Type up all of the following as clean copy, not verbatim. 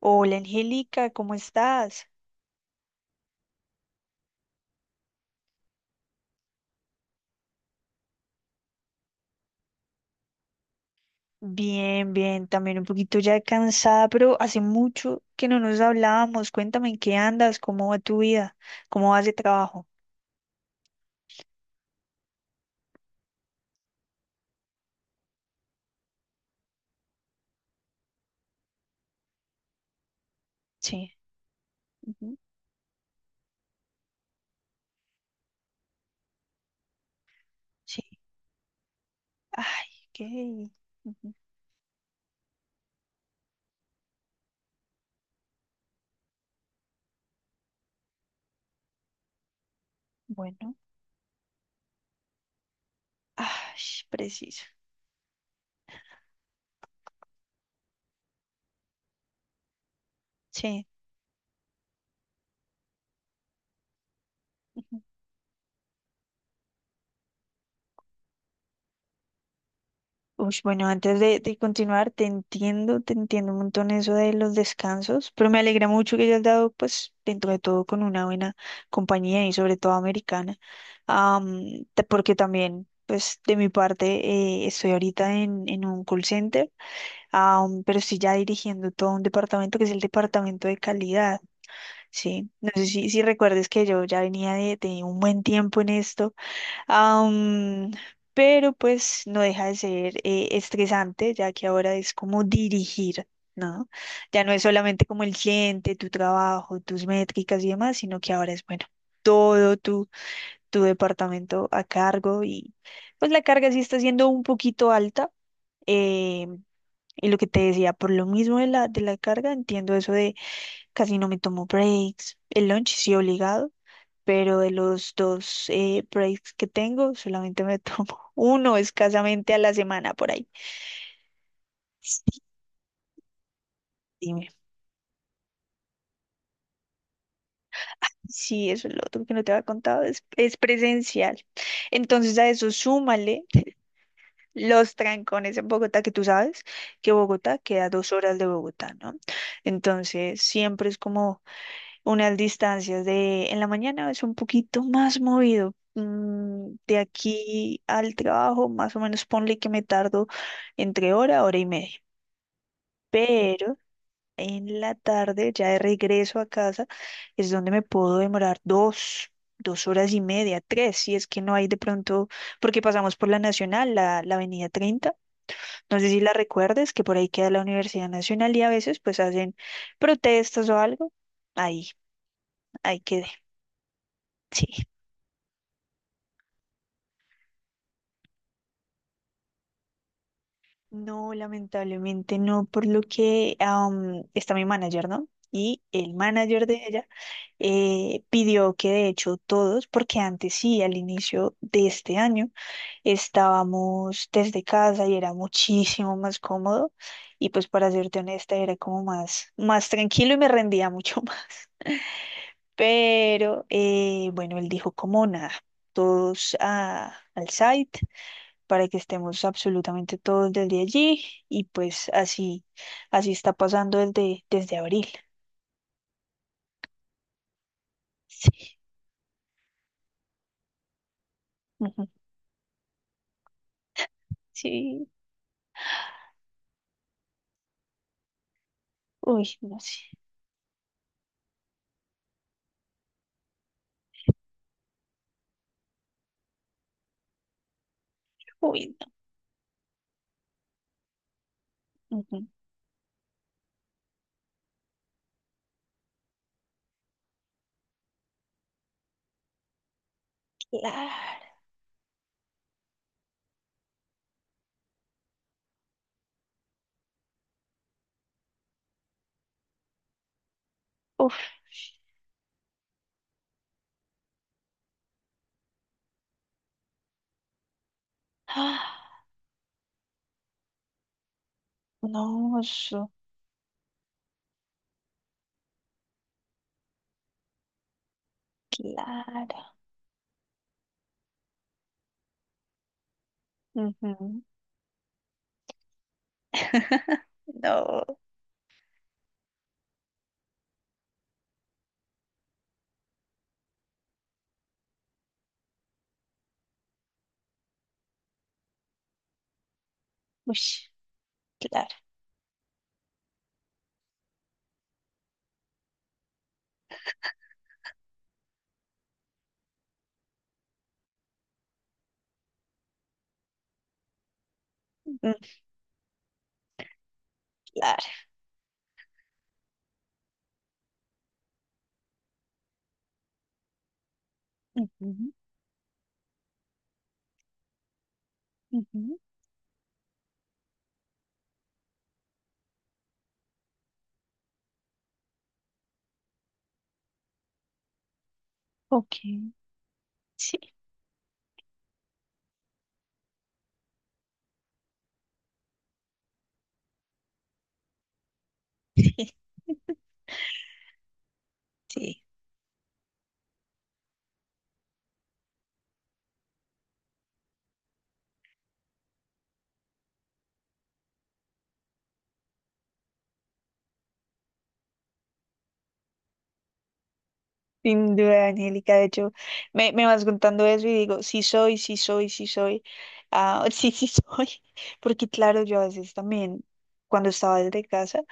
Hola Angélica, ¿cómo estás? Bien, bien, también un poquito ya cansada, pero hace mucho que no nos hablábamos. Cuéntame en qué andas, cómo va tu vida, cómo vas de trabajo. Sí, ujú, sí. Ay, qué. Ujú. Bueno, ay, preciso. Sí. Ush, bueno, antes de continuar, te entiendo un montón eso de los descansos, pero me alegra mucho que hayas dado, pues, dentro de todo con una buena compañía y sobre todo americana. Porque también, pues, de mi parte, estoy ahorita en, un call center, pero estoy ya dirigiendo todo un departamento que es el departamento de calidad, ¿sí? No sé si recuerdes que yo ya venía de un buen tiempo en esto. Am, pero pues no deja de ser estresante, ya que ahora es como dirigir, ¿no? Ya no es solamente como el cliente, tu trabajo, tus métricas y demás, sino que ahora es, bueno, todo tu, tu departamento a cargo y pues la carga sí está siendo un poquito alta. eh, y lo que te decía, por lo mismo de la carga, entiendo eso de casi no me tomo breaks, el lunch sí obligado, pero de los dos breaks que tengo, solamente me tomo uno escasamente a la semana por ahí. Sí, dime. Sí, eso es lo otro que no te había contado, es presencial. Entonces a eso súmale los trancones en Bogotá, que tú sabes que Bogotá queda a 2 horas de Bogotá, ¿no? Entonces siempre es como unas distancias de en la mañana es un poquito más movido. De aquí al trabajo, más o menos ponle que me tardo entre hora, hora y media. Pero en la tarde, ya de regreso a casa, es donde me puedo demorar dos, 2 horas y media, tres, si es que no hay de pronto, porque pasamos por la Nacional, la Avenida 30. No sé si la recuerdes, que por ahí queda la Universidad Nacional y a veces pues hacen protestas o algo. Ahí, ahí quedé. Sí. No, lamentablemente no, por lo que está mi manager, ¿no? Y el manager de ella pidió que de hecho todos, porque antes sí, al inicio de este año, estábamos desde casa y era muchísimo más cómodo. Y pues para serte honesta, era como más, más tranquilo y me rendía mucho más. Pero bueno, él dijo como nada, todos al site para que estemos absolutamente todos desde allí y pues así, así está pasando desde abril. Sí, ujú, sí, uy, no sé, uy, no, ujú, Clara, uf, ah, no, eso, claro, ujú, no, uy, claro, mm, Clara, ujú, ujú, ok, sí, sí. Sin duda, Angélica. De hecho, me vas contando eso y digo, sí soy, sí soy, sí soy. Ah, sí, sí soy. Porque claro, yo a veces también, cuando estaba desde casa,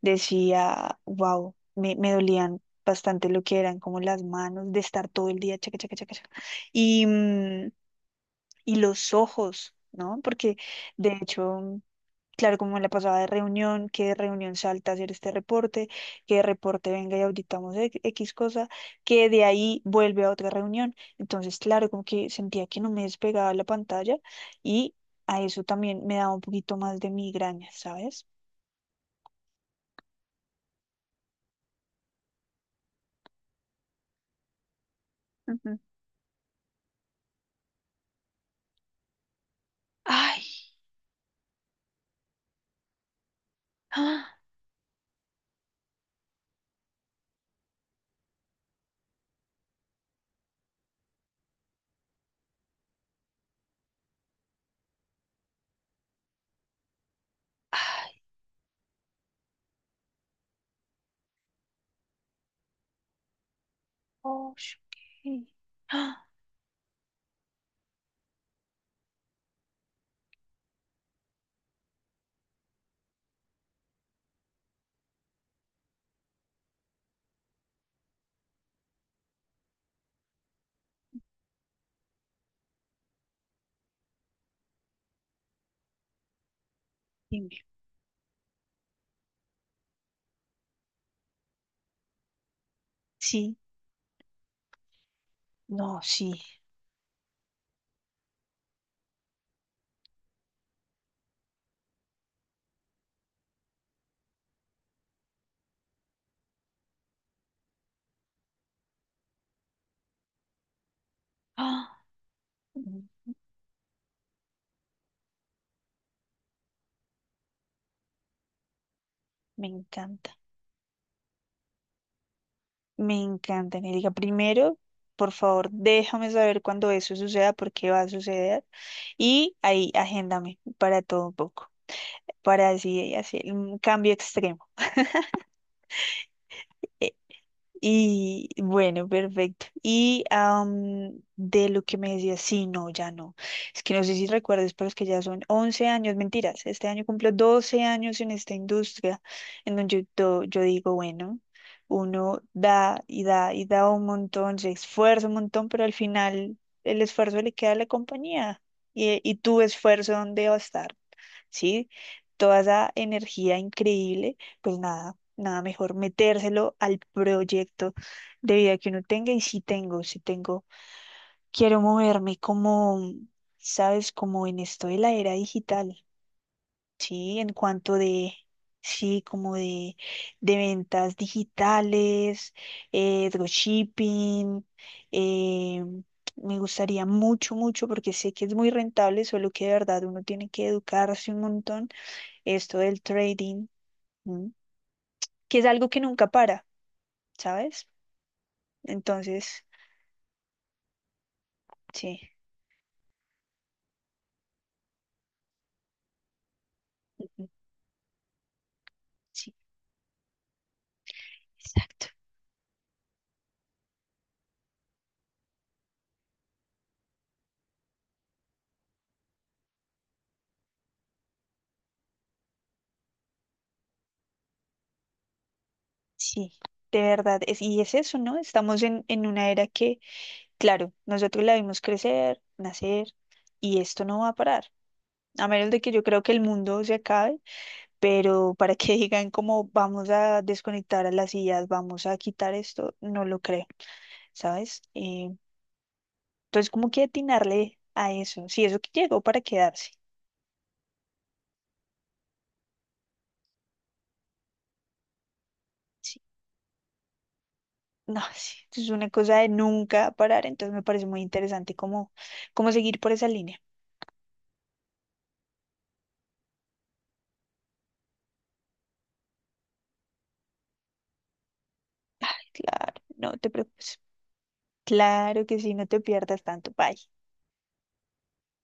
decía, wow, me dolían bastante lo que eran como las manos de estar todo el día chaca, chaca, chaca, chaca. Y, y los ojos, ¿no? Porque de hecho... Claro, como en la pasada de reunión, que de reunión salta a hacer este reporte, que de reporte venga y auditamos X cosa, que de ahí vuelve a otra reunión. Entonces, claro, como que sentía que no me despegaba la pantalla y a eso también me daba un poquito más de migraña, ¿sabes? Ujú. Ay, ah, ay, oh, ok. Ah, dime. Sí, no, sí. Ah, mm, me encanta. Me encanta, Angélica. Primero, por favor, déjame saber cuándo eso suceda, porque va a suceder. Y ahí, agéndame para todo un poco, para así, así, un cambio extremo. Y bueno, perfecto. Y de lo que me decías, sí, no, ya no. Es que no sé si recuerdas, pero es que ya son 11 años, mentiras. Este año cumplo 12 años en esta industria, en donde yo digo, bueno, uno da y da y da un montón, se esfuerza un montón, pero al final el esfuerzo le queda a la compañía. Y tu esfuerzo, ¿dónde va a estar? ¿Sí? Toda esa energía increíble, pues nada, nada mejor metérselo al proyecto de vida que uno tenga y si tengo, quiero moverme como, sabes, como en esto de la era digital, ¿sí? En cuanto de, sí, como de, ventas digitales, dropshipping. eh, Me gustaría mucho, mucho, porque sé que es muy rentable, solo que de verdad uno tiene que educarse un montón, esto del trading, ¿m? Que es algo que nunca para, ¿sabes? Entonces, sí, ujú, sí, exacto, sí, de verdad, es, y es eso, ¿no? Estamos en una era que, claro, nosotros la vimos crecer, nacer, y esto no va a parar, a menos de que yo creo que el mundo se acabe, pero para que digan cómo vamos a desconectar a las sillas, vamos a quitar esto, no lo creo, ¿sabes? Entonces, ¿cómo que atinarle a eso? Sí, eso que llegó para quedarse. No, sí, esto es una cosa de nunca parar, entonces me parece muy interesante cómo, cómo seguir por esa línea. Claro, no te preocupes. Claro que sí, no te pierdas tanto. Bye.